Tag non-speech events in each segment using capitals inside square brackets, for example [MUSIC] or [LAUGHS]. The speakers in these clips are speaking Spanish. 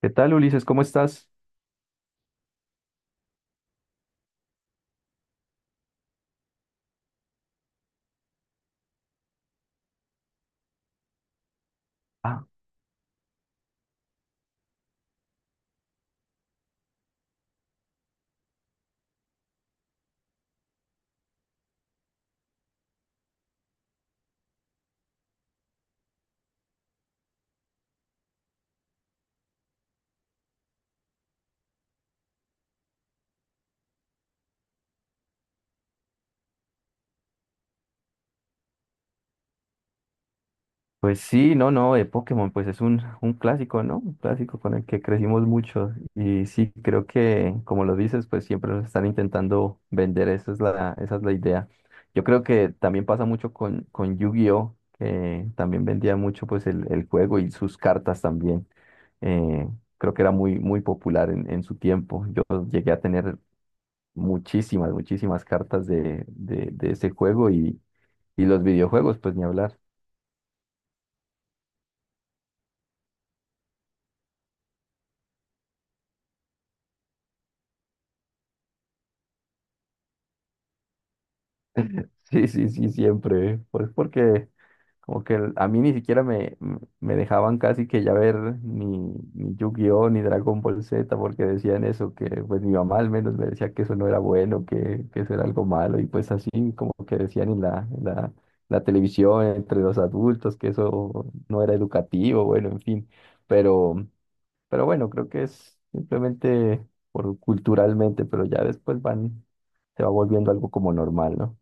¿Qué tal, Ulises? ¿Cómo estás? Ah, pues sí, no, no, de Pokémon, pues es un clásico, ¿no? Un clásico con el que crecimos mucho. Y sí, creo que, como lo dices, pues siempre nos están intentando vender, esa es la idea. Yo creo que también pasa mucho con Yu-Gi-Oh, que también vendía mucho pues el juego y sus cartas también. Eh, Creo que era muy, muy popular en su tiempo. Yo llegué a tener muchísimas, muchísimas cartas de ese juego y los videojuegos, pues ni hablar. [LAUGHS] Sí, sí, sí, siempre. ¿Eh? Pues porque como que a mí ni siquiera me dejaban casi que ya ver ni, ni Yu-Gi-Oh! Ni Dragon Ball Z porque decían eso, que pues mi mamá al menos me decía que eso no era bueno, que eso era algo malo y pues así como que decían la televisión entre los adultos que eso no era educativo, bueno, en fin. Pero... Pero bueno, creo que es simplemente por culturalmente, pero ya después van, se va volviendo algo como normal, ¿no?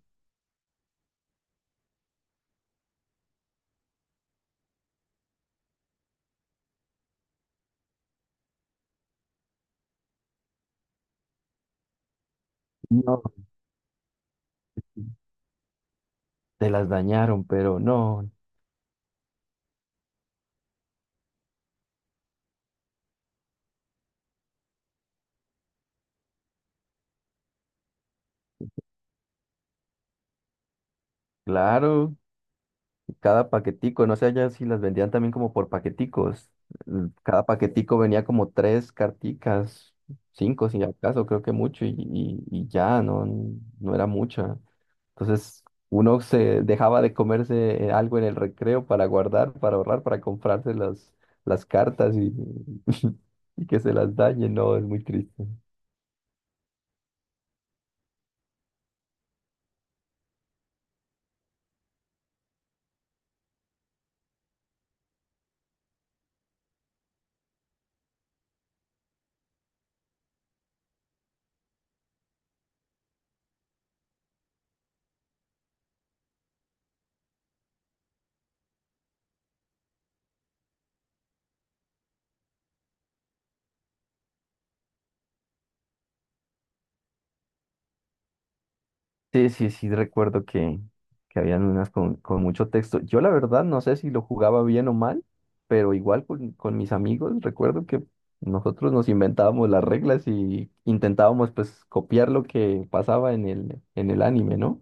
No, te las dañaron, pero no, claro, cada paquetico, no sé allá si las vendían también como por paqueticos. Cada paquetico venía como tres carticas, cinco si acaso, creo que mucho, y ya, no, no era mucha. Entonces, uno se dejaba de comerse algo en el recreo para guardar, para ahorrar, para comprarse las cartas y, [LAUGHS] y que se las dañen. No, es muy triste. Sí, sí, sí, recuerdo que habían unas con mucho texto. Yo la verdad no sé si lo jugaba bien o mal, pero igual con mis amigos recuerdo que nosotros nos inventábamos las reglas y intentábamos pues copiar lo que pasaba en el anime, ¿no?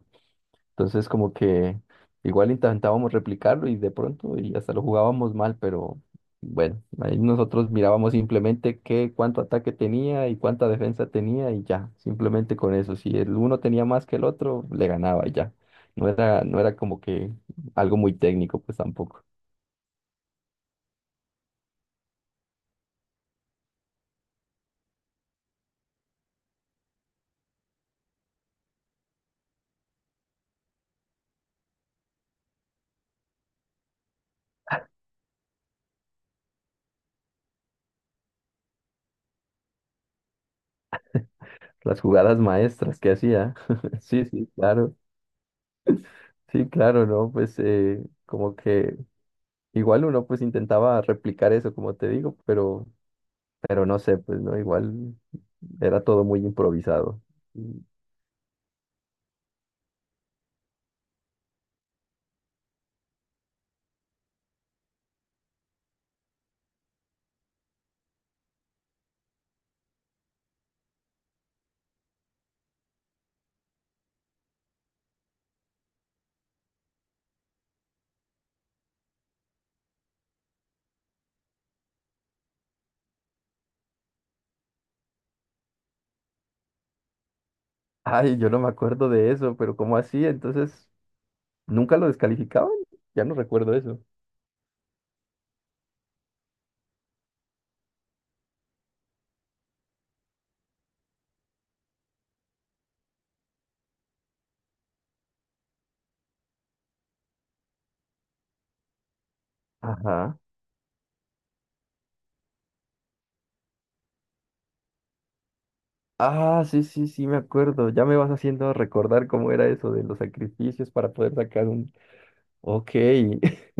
Entonces como que igual intentábamos replicarlo y de pronto y hasta lo jugábamos mal, pero bueno, ahí nosotros mirábamos simplemente qué, cuánto ataque tenía y cuánta defensa tenía y ya, simplemente con eso. Si el uno tenía más que el otro, le ganaba y ya. No era como que algo muy técnico, pues tampoco. Las jugadas maestras que hacía. [LAUGHS] Sí, sí, claro. Sí, claro, ¿no? Pues como que igual uno pues intentaba replicar eso, como te digo, pero no sé, pues no, igual era todo muy improvisado. Y, Ay, yo no me acuerdo de eso, pero ¿cómo así? Entonces, ¿nunca lo descalificaban? Ya no recuerdo eso. Ajá. Ah, sí, sí, sí, me acuerdo. Ya me vas haciendo recordar cómo era eso de los sacrificios para poder sacar un. Ok. [LAUGHS]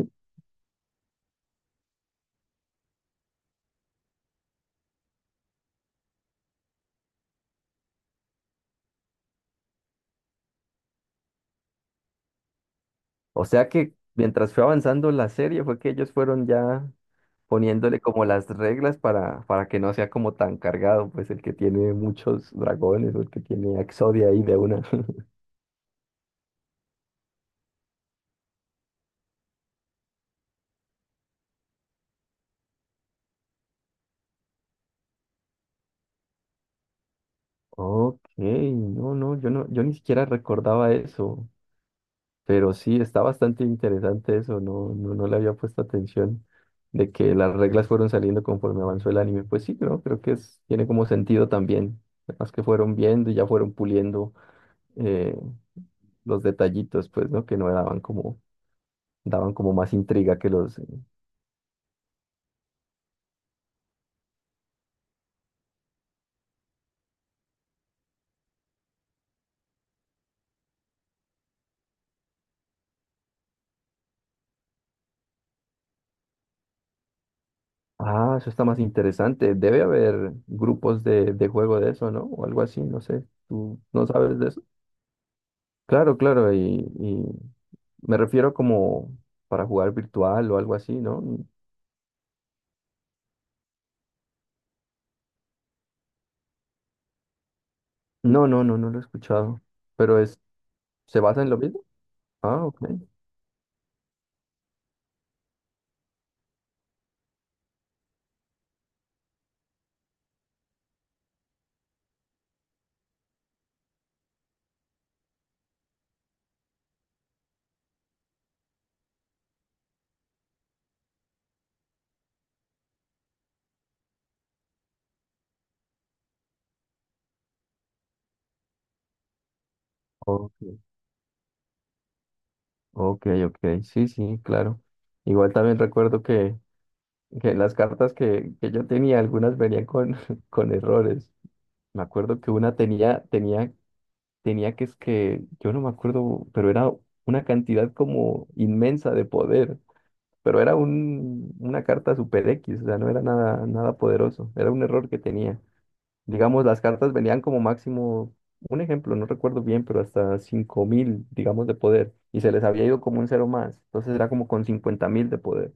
O sea que mientras fue avanzando la serie fue que ellos fueron ya poniéndole como las reglas para que no sea como tan cargado, pues el que tiene muchos dragones o el que tiene a Exodia ahí de una. Ok, no, no, yo no, yo ni siquiera recordaba eso, pero sí, está bastante interesante eso, no, no, no le había puesto atención de que las reglas fueron saliendo conforme avanzó el anime. Pues sí, creo, creo que es, tiene como sentido también, además que fueron viendo y ya fueron puliendo eh, los detallitos, pues, ¿no? Que no daban como, daban como más intriga que los. Ah, eso está más interesante, debe haber grupos de juego de eso, ¿no? O algo así, no sé, ¿tú no sabes de eso? Claro, claro, y me refiero como para jugar virtual o algo así, ¿no? No, no, no, no lo he escuchado, pero es, ¿se basa en lo mismo? Ah, ok, ok, ok, ok, sí, sí, claro. Igual también recuerdo que las cartas que yo tenía, algunas venían con, [LAUGHS] con errores. Me acuerdo que una tenía, tenía que es que, yo no me acuerdo, pero era una cantidad como inmensa de poder. Pero era una carta super X, o sea, no era nada, nada poderoso, era un error que tenía. Digamos, las cartas venían como máximo, un ejemplo, no recuerdo bien, pero hasta 5000 digamos, de poder, y se les había ido como un cero más, entonces era como con 50.000 de poder,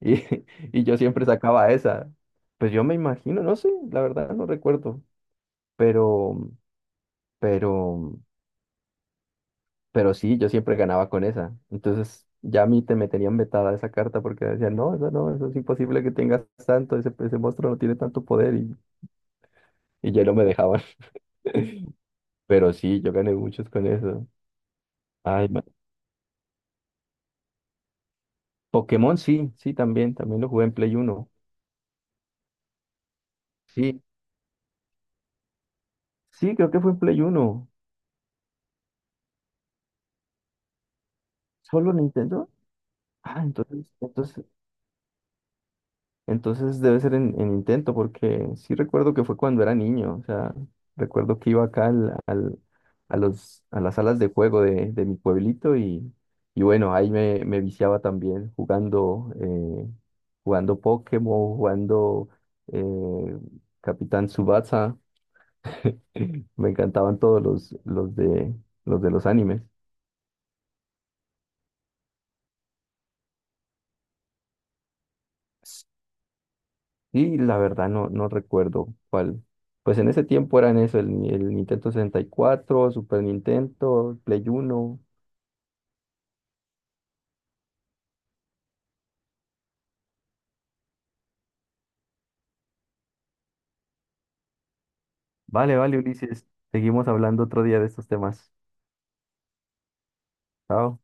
y, [LAUGHS] y yo siempre sacaba esa. Pues yo me imagino, no sé, la verdad no recuerdo, pero, pero Pero sí, yo siempre ganaba con esa. Entonces ya a mí te me tenían vetada esa carta porque decían, no, eso no, eso es imposible que tengas tanto, ese monstruo no tiene tanto poder y ya no me dejaban. [LAUGHS] Pero sí, yo gané muchos con eso. Ay, ma- Pokémon sí, sí, también, también lo jugué en Play 1. Sí, sí, creo que fue en Play 1. ¿Solo Nintendo? Ah, entonces debe ser en intento, porque sí recuerdo que fue cuando era niño, o sea, recuerdo que iba acá a las salas de juego de mi pueblito y bueno, ahí me viciaba también jugando, jugando Pokémon, jugando eh, Capitán Tsubasa, me encantaban todos los de los animes. Y la verdad no, no recuerdo cuál. Pues en ese tiempo eran eso, el, Ni- el Nintendo 64, Super Nintendo, Play 1. Vale, vale, Ulises. Seguimos hablando otro día de estos temas. Chao.